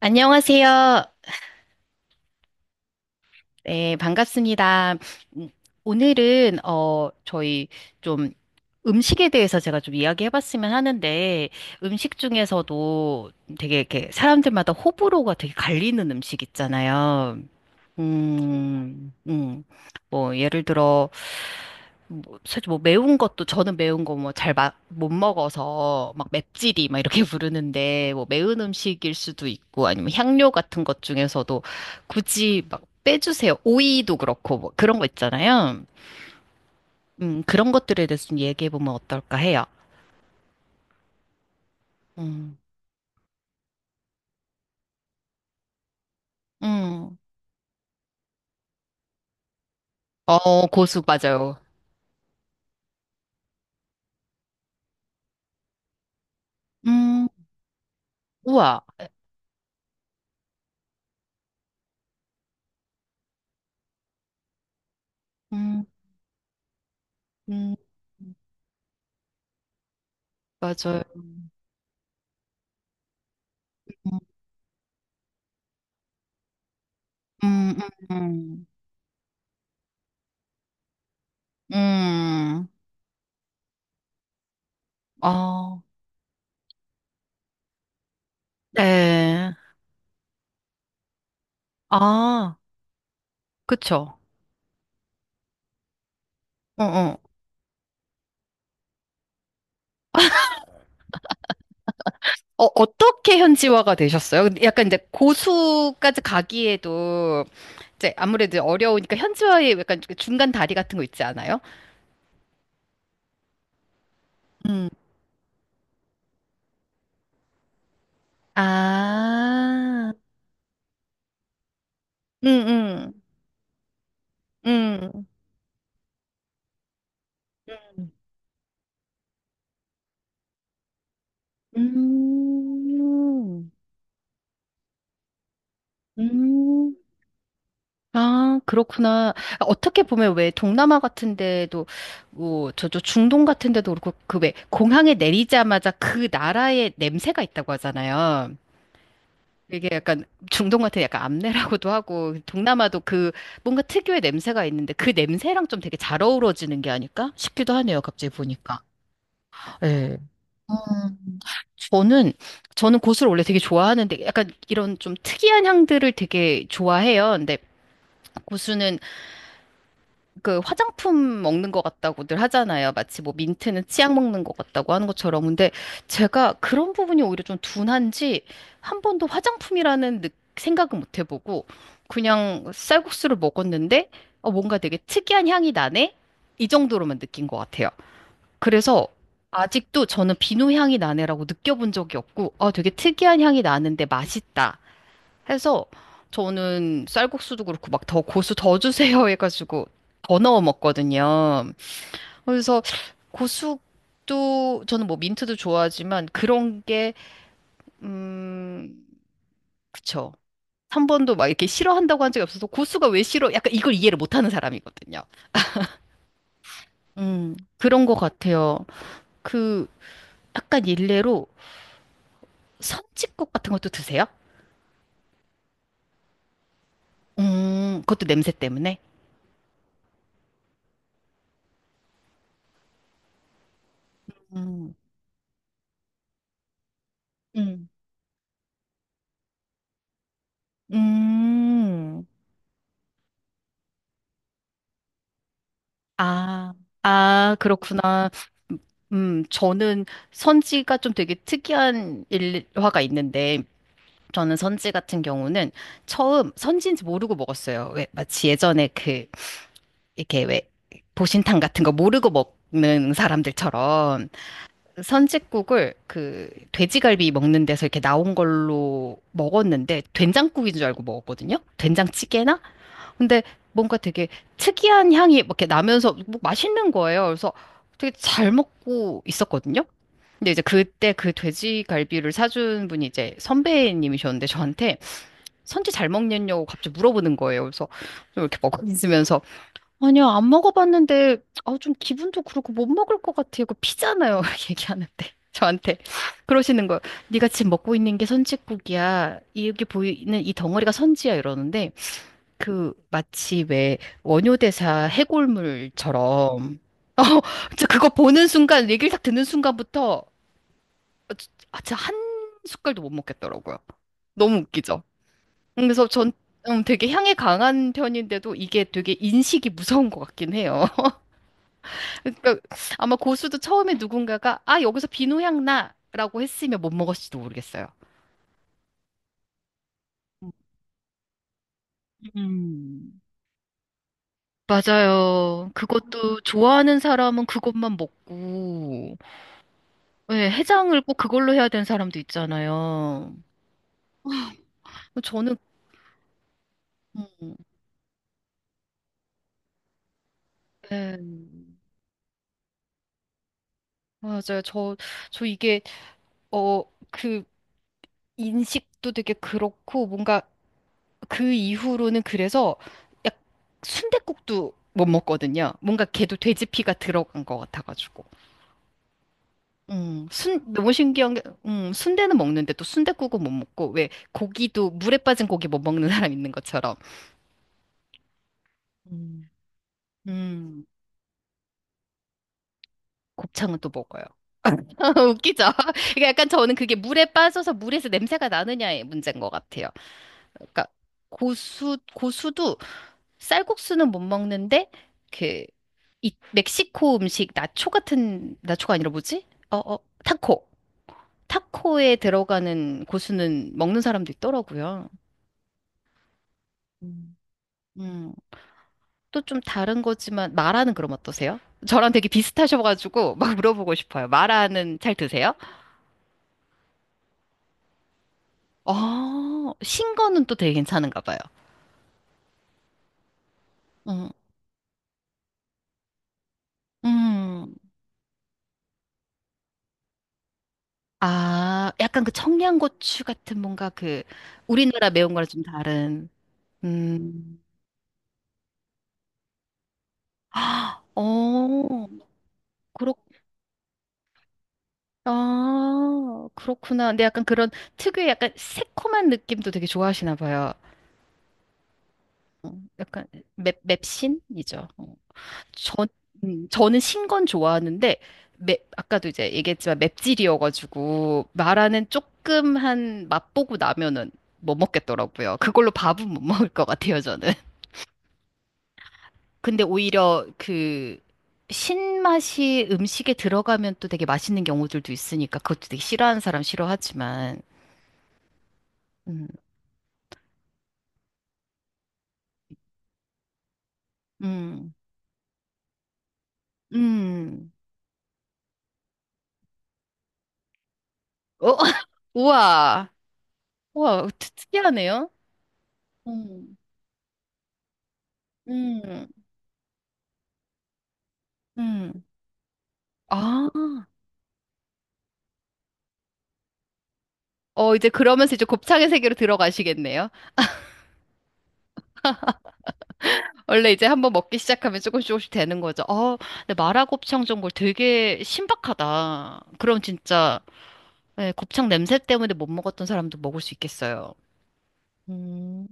안녕하세요. 네, 반갑습니다. 음, 오늘은, 저희 좀 음식에 대해서 제가 좀 이야기해 봤으면 하는데, 음식 중에서도 되게 이렇게 사람들마다 호불호가 되게 갈리는 음식 있잖아요. 음, 음. 뭐, 예를 들어, 뭐, 사실 뭐 매운 것도, 저는 매운 거 뭐 잘 못 먹어서 막 맵찔이 막 이렇게 부르는데, 뭐 매운 음식일 수도 있고, 아니면 향료 같은 것 중에서도 굳이 막 빼주세요. 오이도 그렇고, 뭐 그런 거 있잖아요. 그런 것들에 대해서 좀 얘기해보면 어떨까 해요. 음, 음. 어, 고수, 맞아요. 음, 우와. 음, 음, 맞아요. 음, 음, 음. 음, 아, 네. 아, 그쵸. 어, 어. 어, 어떻게 현지화가 되셨어요? 근데 약간 이제 고수까지 가기에도 이제 아무래도 어려우니까 현지화에 약간 중간 다리 같은 거 있지 않아요? 음, 아, 음, 음, 음. 음, 음. 아, 그렇구나. 아, 어떻게 보면 왜 동남아 같은 데도, 뭐, 저저 중동 같은 데도 그렇고, 그 왜 공항에 내리자마자 그 나라의 냄새가 있다고 하잖아요. 이게 약간 중동 같은 약간 암내라고도 하고, 동남아도 그 뭔가 특유의 냄새가 있는데 그 냄새랑 좀 되게 잘 어우러지는 게 아닐까 싶기도 하네요. 갑자기 보니까. 예. 음, 저는, 저는 고수를 원래 되게 좋아하는데 약간 이런 좀 특이한 향들을 되게 좋아해요. 근데 고수는 그 화장품 먹는 것 같다고들 하잖아요. 마치 뭐 민트는 치약 먹는 것 같다고 하는 것처럼. 근데 제가 그런 부분이 오히려 좀 둔한지 한 번도 생각은 못 해보고 그냥 쌀국수를 먹었는데 어, 뭔가 되게 특이한 향이 나네? 이 정도로만 느낀 것 같아요. 그래서 아직도 저는 비누 향이 나네라고 느껴본 적이 없고 아 되게 특이한 향이 나는데 맛있다. 해서 저는 쌀국수도 그렇고 막 더 고수 더 주세요 해가지고 더 넣어 먹거든요. 그래서 고수도 저는 뭐 민트도 좋아하지만 그런 게 음, 그쵸. 3번도 막 이렇게 싫어한다고 한 적이 없어서 고수가 왜 싫어? 약간 이걸 이해를 못하는 사람이거든요. 그런 것 같아요. 그 약간 일례로 선짓국 같은 것도 드세요? 그것도 냄새 때문에. 음. 음. 음. 아, 아, 그렇구나. 저는 선지가 좀 되게 특이한 일화가 있는데, 저는 선지 같은 경우는 처음 선지인지 모르고 먹었어요. 왜, 마치 예전에 그, 이렇게 왜, 보신탕 같은 거 모르고 먹는 사람들처럼 선지국을 그 돼지갈비 먹는 데서 이렇게 나온 걸로 먹었는데 된장국인 줄 알고 먹었거든요. 된장찌개나 근데 뭔가 되게 특이한 향이 막 이렇게 나면서 뭐 맛있는 거예요. 그래서 되게 잘 먹고 있었거든요. 근데 이제 그때 그 돼지갈비를 사준 분이 이제 선배님이셨는데 저한테 선지 잘 먹냐고 갑자기 물어보는 거예요. 그래서 좀 이렇게 먹고 있으면서 아니요, 안 먹어봤는데 아, 좀 기분도 그렇고 못 먹을 것 같아요. 거 피잖아요. 얘기하는데 저한테 그러시는 거예요. 네가 지금 먹고 있는 게 선지국이야. 이게 보이는 이 덩어리가 선지야 이러는데 그 마치 왜 원효대사 해골물처럼 어, 저 그거 보는 순간 얘기를 딱 듣는 순간부터 아, 진짜 한 숟갈도 못 먹겠더라고요. 너무 웃기죠. 그래서 전 되게 향이 강한 편인데도 이게 되게 인식이 무서운 것 같긴 해요. 그러니까 아마 고수도 처음에 누군가가 아, 여기서 비누향 나라고 했으면 못 먹었을지도 모르겠어요. 음. 맞아요. 그것도 좋아하는 사람은 그것만 먹고. 네, 해장을 꼭 그걸로 해야 되는 사람도 있잖아요. 저는 음, 네, 맞아요. 저 어, 그 인식도 되게 그렇고, 뭔가 그 이후로는 그래서 약 순댓국도 못 먹거든요. 뭔가 걔도 돼지피가 들어간 것 같아가지고. 순, 너무 신기한 게, 순대는 먹는데 또순댓국은못 먹고, 왜 고기도 물에 빠진 고기 못 먹는 사람 있는 것처럼. 음. 음. 곱창은 또 먹어요. 웃기죠? 그러니까 약간 저는 그게 물에 빠져서 물에서 냄새가 나느냐의 문제인 것 같아요. 그러니까 고수도 쌀국수는 못 먹는데 그 이 멕시코 음식 나초 같은 나초가 아니라 뭐지? 어, 어, 타코. 타코에 들어가는 고수는 먹는 사람도 있더라고요. 음. 음, 또 좀 다른 거지만 마라는 그럼 어떠세요? 저랑 되게 비슷하셔가지고 막 물어보고 싶어요. 마라는 잘 드세요? 아, 신거는 또 되게 괜찮은가 봐요. 음, 음. 아, 약간 그 청양고추 같은 뭔가 그 우리나라 매운 거랑 좀 다른. 음. 아, 어, 그렇, 아, 그렇구나. 근데 약간 그런 특유의 약간 새콤한 느낌도 되게 좋아하시나 봐요. 어, 약간 맵, 맵신이죠. 어. 저, 저는 신건 좋아하는데 맵, 아까도 이제 얘기했지만 맵찔이어가지고 마라는 조금 한 맛보고 나면은 못 먹겠더라고요. 그걸로 밥은 못 먹을 것 같아요, 저는. 근데 오히려 그 신맛이 음식에 들어가면 또 되게 맛있는 경우들도 있으니까 그것도 되게 싫어하는 사람 싫어하지만 음, 음, 음. 어? 우와, 우와, 특- 특이하네요. 음, 음, 음. 아. 어, 이제 그러면서 이제 곱창의 세계로 들어가시겠네요. 원래 이제 한번 먹기 시작하면 조금씩 조금씩 되는 거죠. 어, 근데 마라곱창 전골 되게 신박하다. 그럼 진짜 예, 곱창 냄새 때문에 못 먹었던 사람도 먹을 수 있겠어요. 음,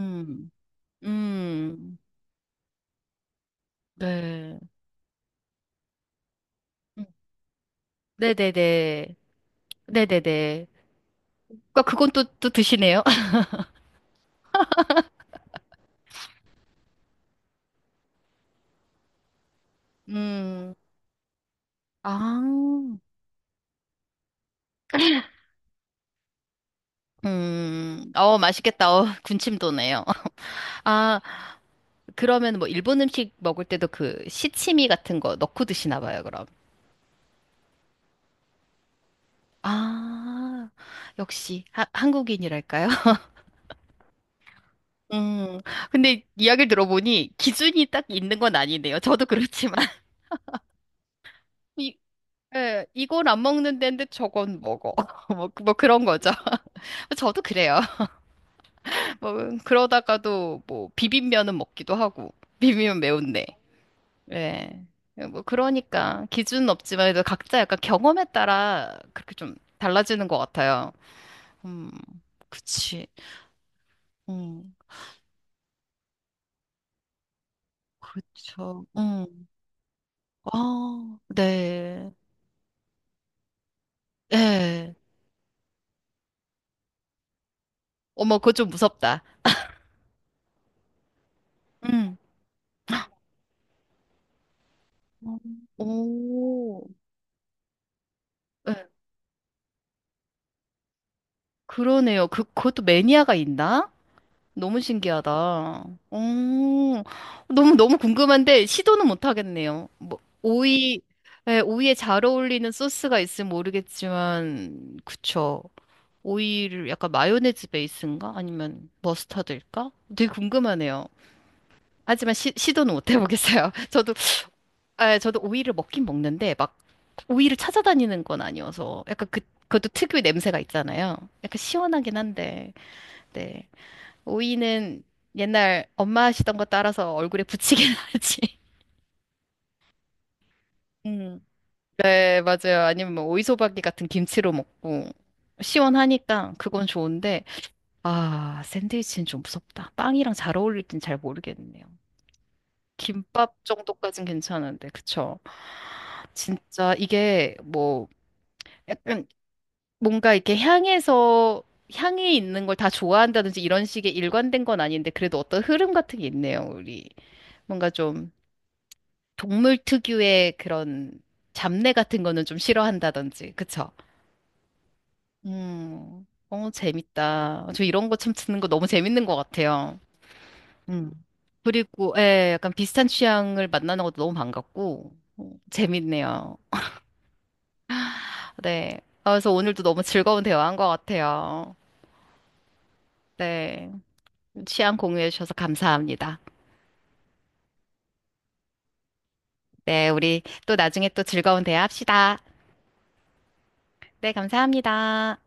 음, 음, 네. 음. 네네네. 네네네. 그러니까 그건 또, 또 드시네요. 음, 아, 어, 맛있겠다. 어, 군침 도네요. 아, 그러면 뭐 일본 음식 먹을 때도 그 시치미 같은 거 넣고 드시나 봐요, 그럼. 아, 역시 한국인이랄까요? 음, 근데 이야기를 들어보니 기준이 딱 있는 건 아니네요. 저도 그렇지만. 이, 예, 이건 안 먹는 데인데 저건 먹어. 뭐, 뭐 그런 거죠. 저도 그래요. 뭐, 그러다가도 뭐 비빔면은 먹기도 하고. 비빔면 매운데. 예. 뭐 그러니까 기준은 없지만 그래도 각자 약간 경험에 따라 그렇게 좀 달라지는 것 같아요. 음, 그치. 음, 그쵸. 아, 네. 예. 어머, 그거 좀 무섭다. 음. 음. 오, 예, 그러네요. 그것도 매니아가 있나? 너무 신기하다. 어, 너무 궁금한데, 시도는 못 하겠네요. 뭐, 오이, 예, 오이에 잘 어울리는 소스가 있으면 모르겠지만, 그쵸. 오이를 약간 마요네즈 베이스인가? 아니면 머스타드일까? 되게 궁금하네요. 하지만 시도는 못 해보겠어요. 저도, 예, 저도 오이를 먹긴 먹는데, 막, 오이를 찾아다니는 건 아니어서, 약간 그, 그것도 특유의 냄새가 있잖아요. 약간 시원하긴 한데, 네. 오이는 옛날 엄마 하시던 거 따라서 얼굴에 붙이긴 하지. 음. 네, 맞아요. 아니면 뭐 오이소박이 같은 김치로 먹고 시원하니까 그건 좋은데 아, 샌드위치는 좀 무섭다. 빵이랑 잘 어울릴진 잘 모르겠네요. 김밥 정도까진 괜찮은데, 그쵸? 진짜 이게 뭐 약간 뭔가 이렇게 향해서 향이 있는 걸 다 좋아한다든지 이런 식의 일관된 건 아닌데 그래도 어떤 흐름 같은 게 있네요, 우리. 뭔가 좀 동물 특유의 그런 잡내 같은 거는 좀 싫어한다든지, 그쵸? 어, 재밌다. 저 이런 거 참 듣는 거 너무 재밌는 것 같아요. 음. 그리고, 예, 약간 비슷한 취향을 만나는 것도 너무 반갑고, 어, 재밌네요. 네. 아, 그래서 오늘도 너무 즐거운 대화한 것 같아요. 네. 취향 공유해 주셔서 감사합니다. 네, 우리 또 나중에 또 즐거운 대화 합시다. 네, 감사합니다.